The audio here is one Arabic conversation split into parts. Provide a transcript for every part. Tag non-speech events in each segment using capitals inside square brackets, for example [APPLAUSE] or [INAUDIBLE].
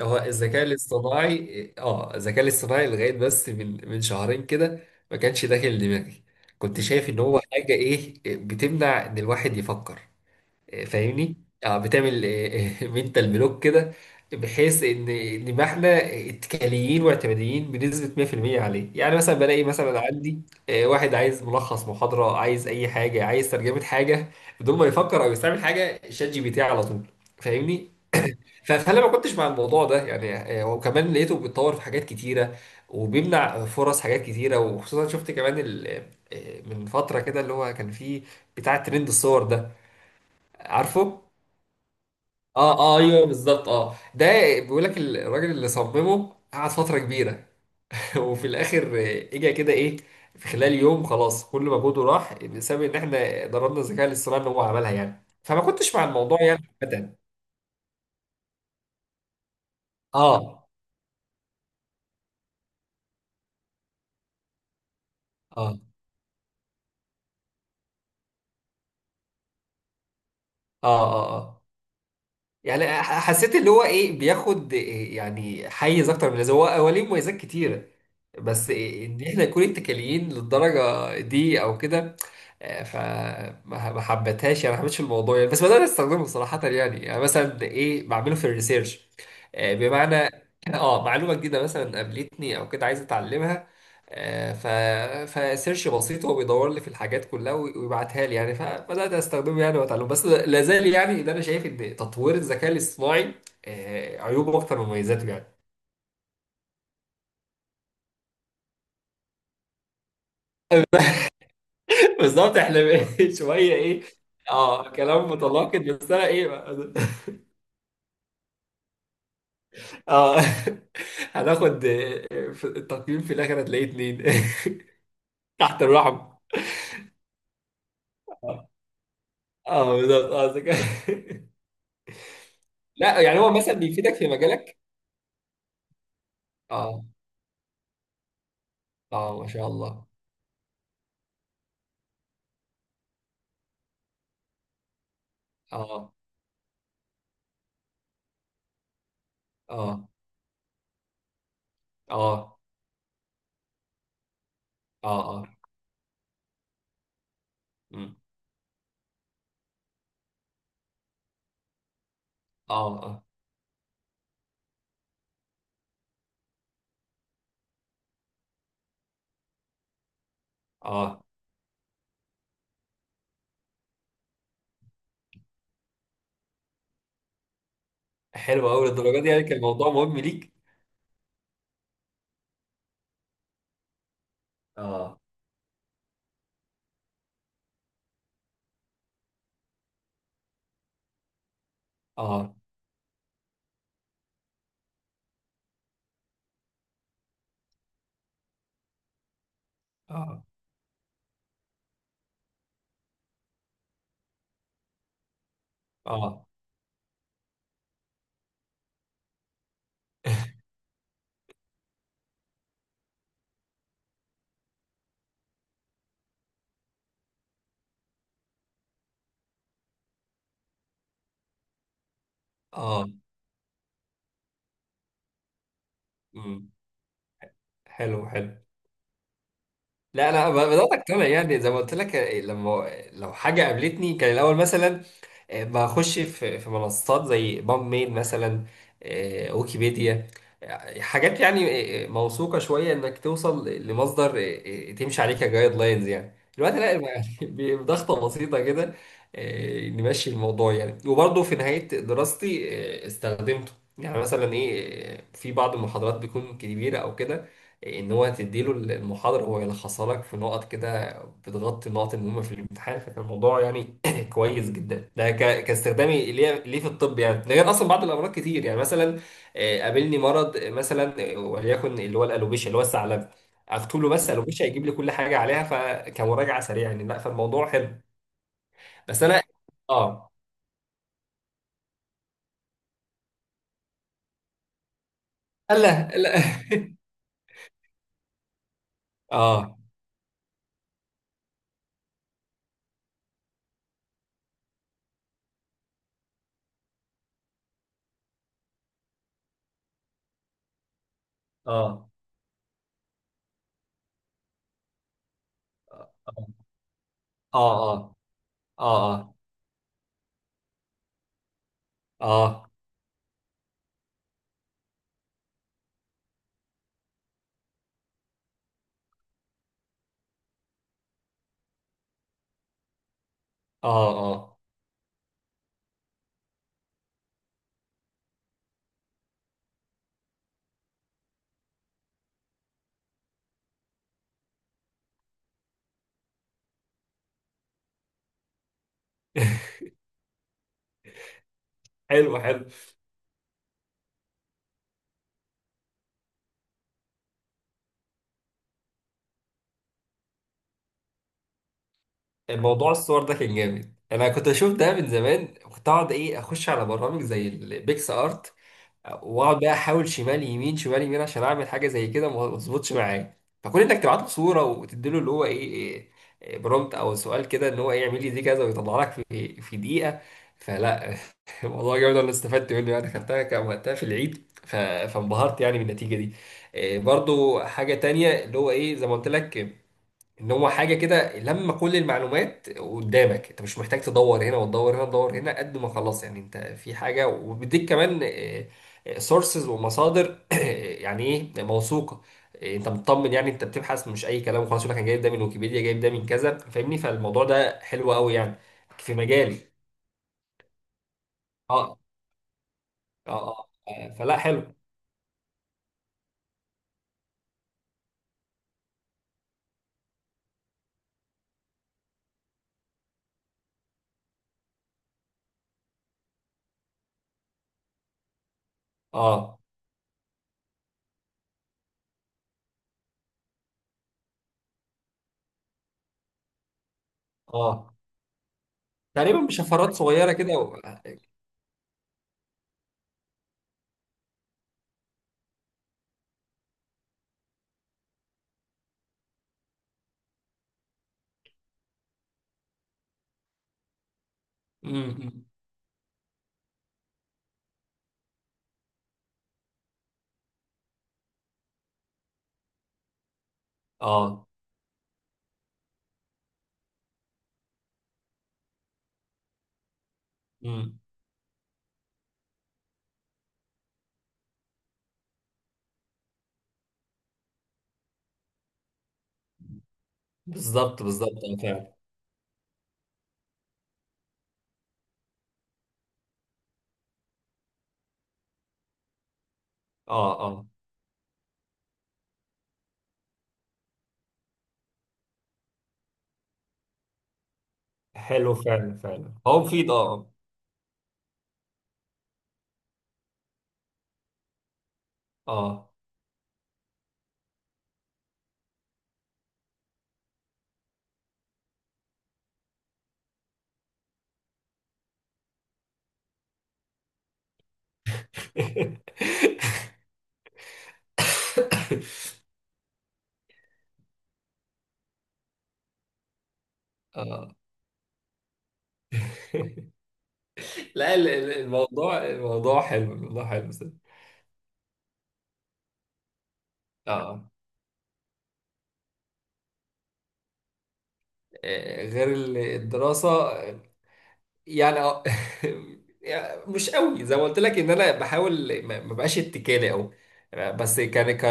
هو الذكاء الاصطناعي الذكاء الاصطناعي لغايه بس من شهرين كده. ما كانش داخل دماغي، كنت شايف ان هو حاجه ايه بتمنع ان الواحد يفكر. فاهمني. اه بتعمل منتال بلوك [LAUGHS] كده، بحيث ان ما احنا اتكاليين واعتماديين بنسبه 100% عليه. يعني مثلا بلاقي مثلا عندي واحد عايز ملخص محاضره، عايز اي حاجه، عايز ترجمه حاجه، بدون ما يفكر او يستعمل حاجه، شات جي بي تي على طول، فاهمني. فانا ما كنتش مع الموضوع ده يعني. وكمان لقيته بيتطور في حاجات كتيره وبيمنع فرص حاجات كتيره، وخصوصا شفت كمان من فتره كده اللي هو كان فيه بتاع ترند الصور ده، عارفه. اه، اه، ايوه، بالظبط. اه ده بيقول لك الراجل اللي صممه قعد فتره كبيره [LAUGHS] وفي الاخر اجى كده ايه في خلال يوم، خلاص كل مجهوده راح بسبب ان احنا ضربنا الذكاء الاصطناعي ان هو عملها يعني. فما كنتش مع الموضوع يعني ابدا. اه. اه. اه. اه. آه. يعني حسيت اللي هو ايه بياخد إيه يعني حيز اكتر من اللازم. هو ليه مميزات كتيره، بس إيه ان احنا نكون اتكاليين للدرجه دي او كده. آه، فما ما حبتهاش يعني، ما حبيتش الموضوع يعني. بس بدأت استخدمه صراحه، يعني مثلا ايه بعمله في الريسيرش. بمعنى اه معلومه جديده مثلا قابلتني او كده، عايز اتعلمها. آه، ف فسيرش بسيط هو بيدور لي في الحاجات كلها ويبعتها لي يعني. فبدات استخدمه يعني واتعلم، بس لا زال يعني اللي انا شايف ان تطوير الذكاء الاصطناعي عيوبه اكتر من مميزاته يعني. [LAUGHS] بالظبط، احنا [LAUGHS] شويه ايه. اه، كلام متناقض، بس انا ايه بقى؟ [LAUGHS] اه. [LAUGHS] هناخد في التقييم في الاخر هتلاقيه اتنين [LAUGHS] تحت الرحم. اه بالظبط. اه ذكاء [LAUGHS] لا، يعني هو مثلا بيفيدك في مجالك. اه. اه، ما شاء الله. اه. اه. اه. اه. اه. مم. اه. اه. اه. حلو قوي، للدرجه دي يعني كان الموضوع مهم ليك؟ اه. اه. اه. اه. اه. مم. حلو حلو. لا لا، بدات اقتنع يعني. زي ما قلت لك، لما لو حاجه قابلتني كان الاول مثلا بخش في منصات زي بام ميل مثلا، ويكيبيديا، حاجات يعني موثوقه شويه، انك توصل لمصدر تمشي عليه كجايد لاينز يعني. دلوقتي لا، يعني [LAUGHS] بضغطه بسيطه كده نمشي الموضوع يعني. وبرضه في نهايه دراستي استخدمته. يعني مثلا ايه في بعض المحاضرات بتكون كبيره او كده، ان هو تديله المحاضره هو يلخصها لك في نقط كده بتغطي النقط المهمه في الامتحان. فكان الموضوع يعني [CLEARS THROAT] كويس جدا ده، كاستخدامي ليه في الطب يعني. ده غير اصلا بعض الامراض كتير يعني. مثلا قابلني مرض مثلا وليكن اللي هو الالوبيشيا، اللي هو الثعلب. اكتب له بس الوبيشيا يجيب لي كل حاجه عليها، فكمراجعه سريعه يعني. لا، فالموضوع حلو. بس انا. اه لا لا. [LAUGHS] اه. اه. اه. اه. اه. اه. اه. اه. اه. [LAUGHS] حلو حلو. موضوع الصور ده كان جامد، انا كنت اشوف ده من زمان، كنت اقعد ايه اخش على برامج زي البيكس ارت واقعد بقى احاول شمال يمين شمال يمين عشان اعمل حاجه زي كده، ما ما تظبطش معايا. فكون انك تبعت له صوره وتديله اللي هو ايه, إيه إيه برومبت او سؤال كده ان هو ايه يعمل لي دي كذا ويطلع لك في دقيقه. فلا [LAUGHS] الموضوع جامد، انا استفدت منه يعني. خدتها كان وقتها في العيد فانبهرت يعني بالنتيجه دي. إيه برضو حاجه تانية، اللي هو ايه زي ما قلت لك، ان هو حاجه كده، لما كل المعلومات قدامك انت مش محتاج تدور هنا وتدور هنا وتدور هنا قد ما خلاص يعني، انت في حاجه وبيديك كمان سورسز ومصادر [COUGHS] [CLEARS THROAT] يعني ايه موثوقه، انت مطمن يعني انت بتبحث مش اي كلام، خلاص يقول لك انا جايب ده من ويكيبيديا، جايب ده من كذا، فاهمني. فالموضوع ده حلو قوي يعني في مجالي. اه. اه. اه. فلا حلو. اه. اه. تقريبا بشفرات صغيره كده و... آه، م- م. اه. م. بالظبط بالظبط، فعلا. اه. اه. حلو فعلا، فعلا هو مفيد. اه. اه. [LAUGHS] اه. لا، الموضوع حلو، الموضوع حلو صدق. اه غير الدراسة يعني. اه [LAUGHS] يعني مش قوي، زي ما قلت لك ان انا بحاول ما بقاش اتكالي او. بس كان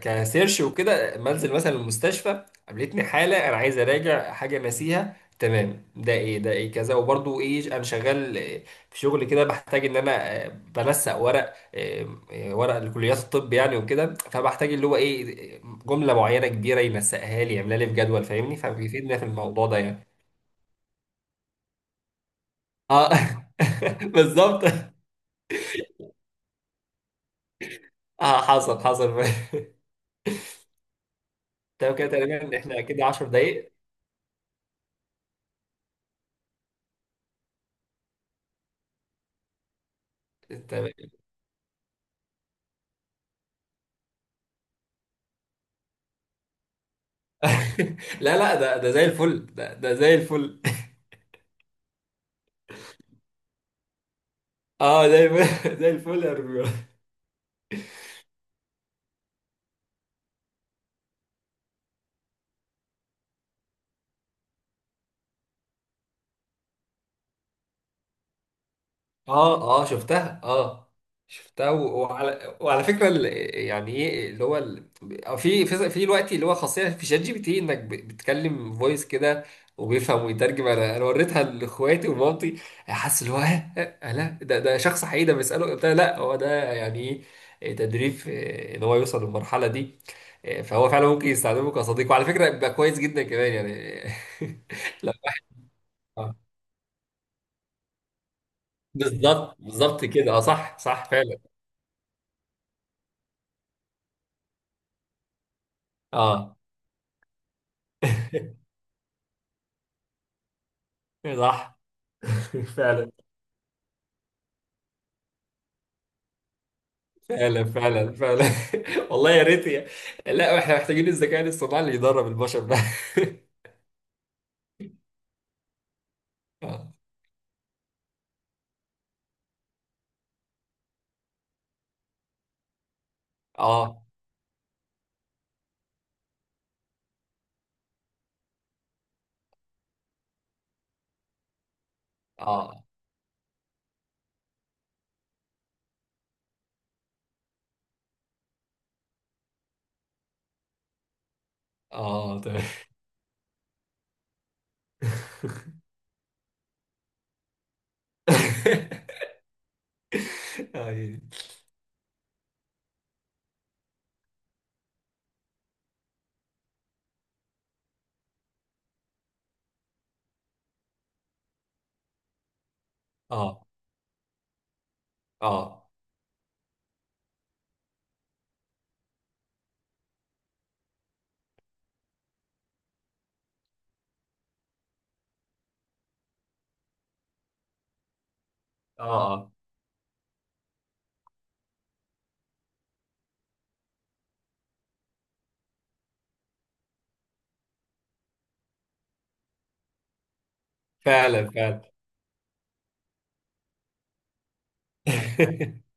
كسيرش وكده، منزل مثلا المستشفى قابلتني حاله انا عايز اراجع حاجه ناسيها، تمام ده ايه، ده ايه كذا. وبرضو ايه انا شغال في شغل كده بحتاج ان انا بنسق ورق، ورق لكليات الطب يعني وكده. فبحتاج اللي هو ايه جمله معينه كبيره ينسقها لي، يعملها لي في جدول، فاهمني. فبيفيدنا في الموضوع ده يعني. اه [LAUGHS] بالظبط. اه، حصل حصل [LAUGHS] تمام كده تقريبا، احنا كده 10 دقايق. تمام. [LAUGHS] لا لا، ده زي الفل، ده زي الفل. [LAUGHS] اه، زي الفل [LAUGHS] زي الفل يا رجولة. اه. اه، شفتها. اه، شفتها. و- وعلى فكره يعني ايه اللي هو أو في دلوقتي اللي هو خاصيه في شات جي بي تي، انك بتكلم فويس كده وبيفهم ويترجم. انا وريتها لاخواتي ومامتي، حاسس اللي هو لا ده، شخص حقيقي ده بيساله. قلت لها لا، هو ده يعني ايه تدريب ان هو يوصل للمرحله دي. فهو فعلا ممكن يستخدمه كصديق، وعلى فكره بيبقى كويس جدا كمان يعني [LAUGHS] لا. آه. بالظبط بالظبط كده. اه صح صح فعلا. اه [LAUGHS] صح. فعلا فعلا فعلا فعلا [LAUGHS] والله يا ريت يا. لا، احنا محتاجين الذكاء الاصطناعي اللي يدرب البشر ده [LAUGHS] اه. اه. اه. اه، تمام [LAUGHS] اه. اه. اه. اه. فعلا فعلا [LAUGHS]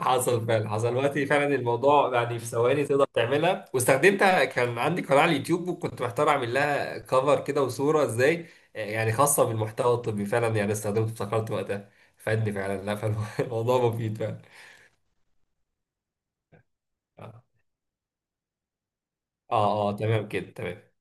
حصل فعلا، حصل دلوقتي فعلا. الموضوع يعني في ثواني تقدر تعملها، واستخدمتها. كان عندي قناة على اليوتيوب وكنت محتار اعمل لها كفر كده وصورة ازاي، يعني خاصة بالمحتوى الطبي، فعلا يعني استخدمته افتكرت وقتها فادني فعلا. لا، فالموضوع [LAUGHS] مفيد فعلا. اه. اه. تمام كده، تمام.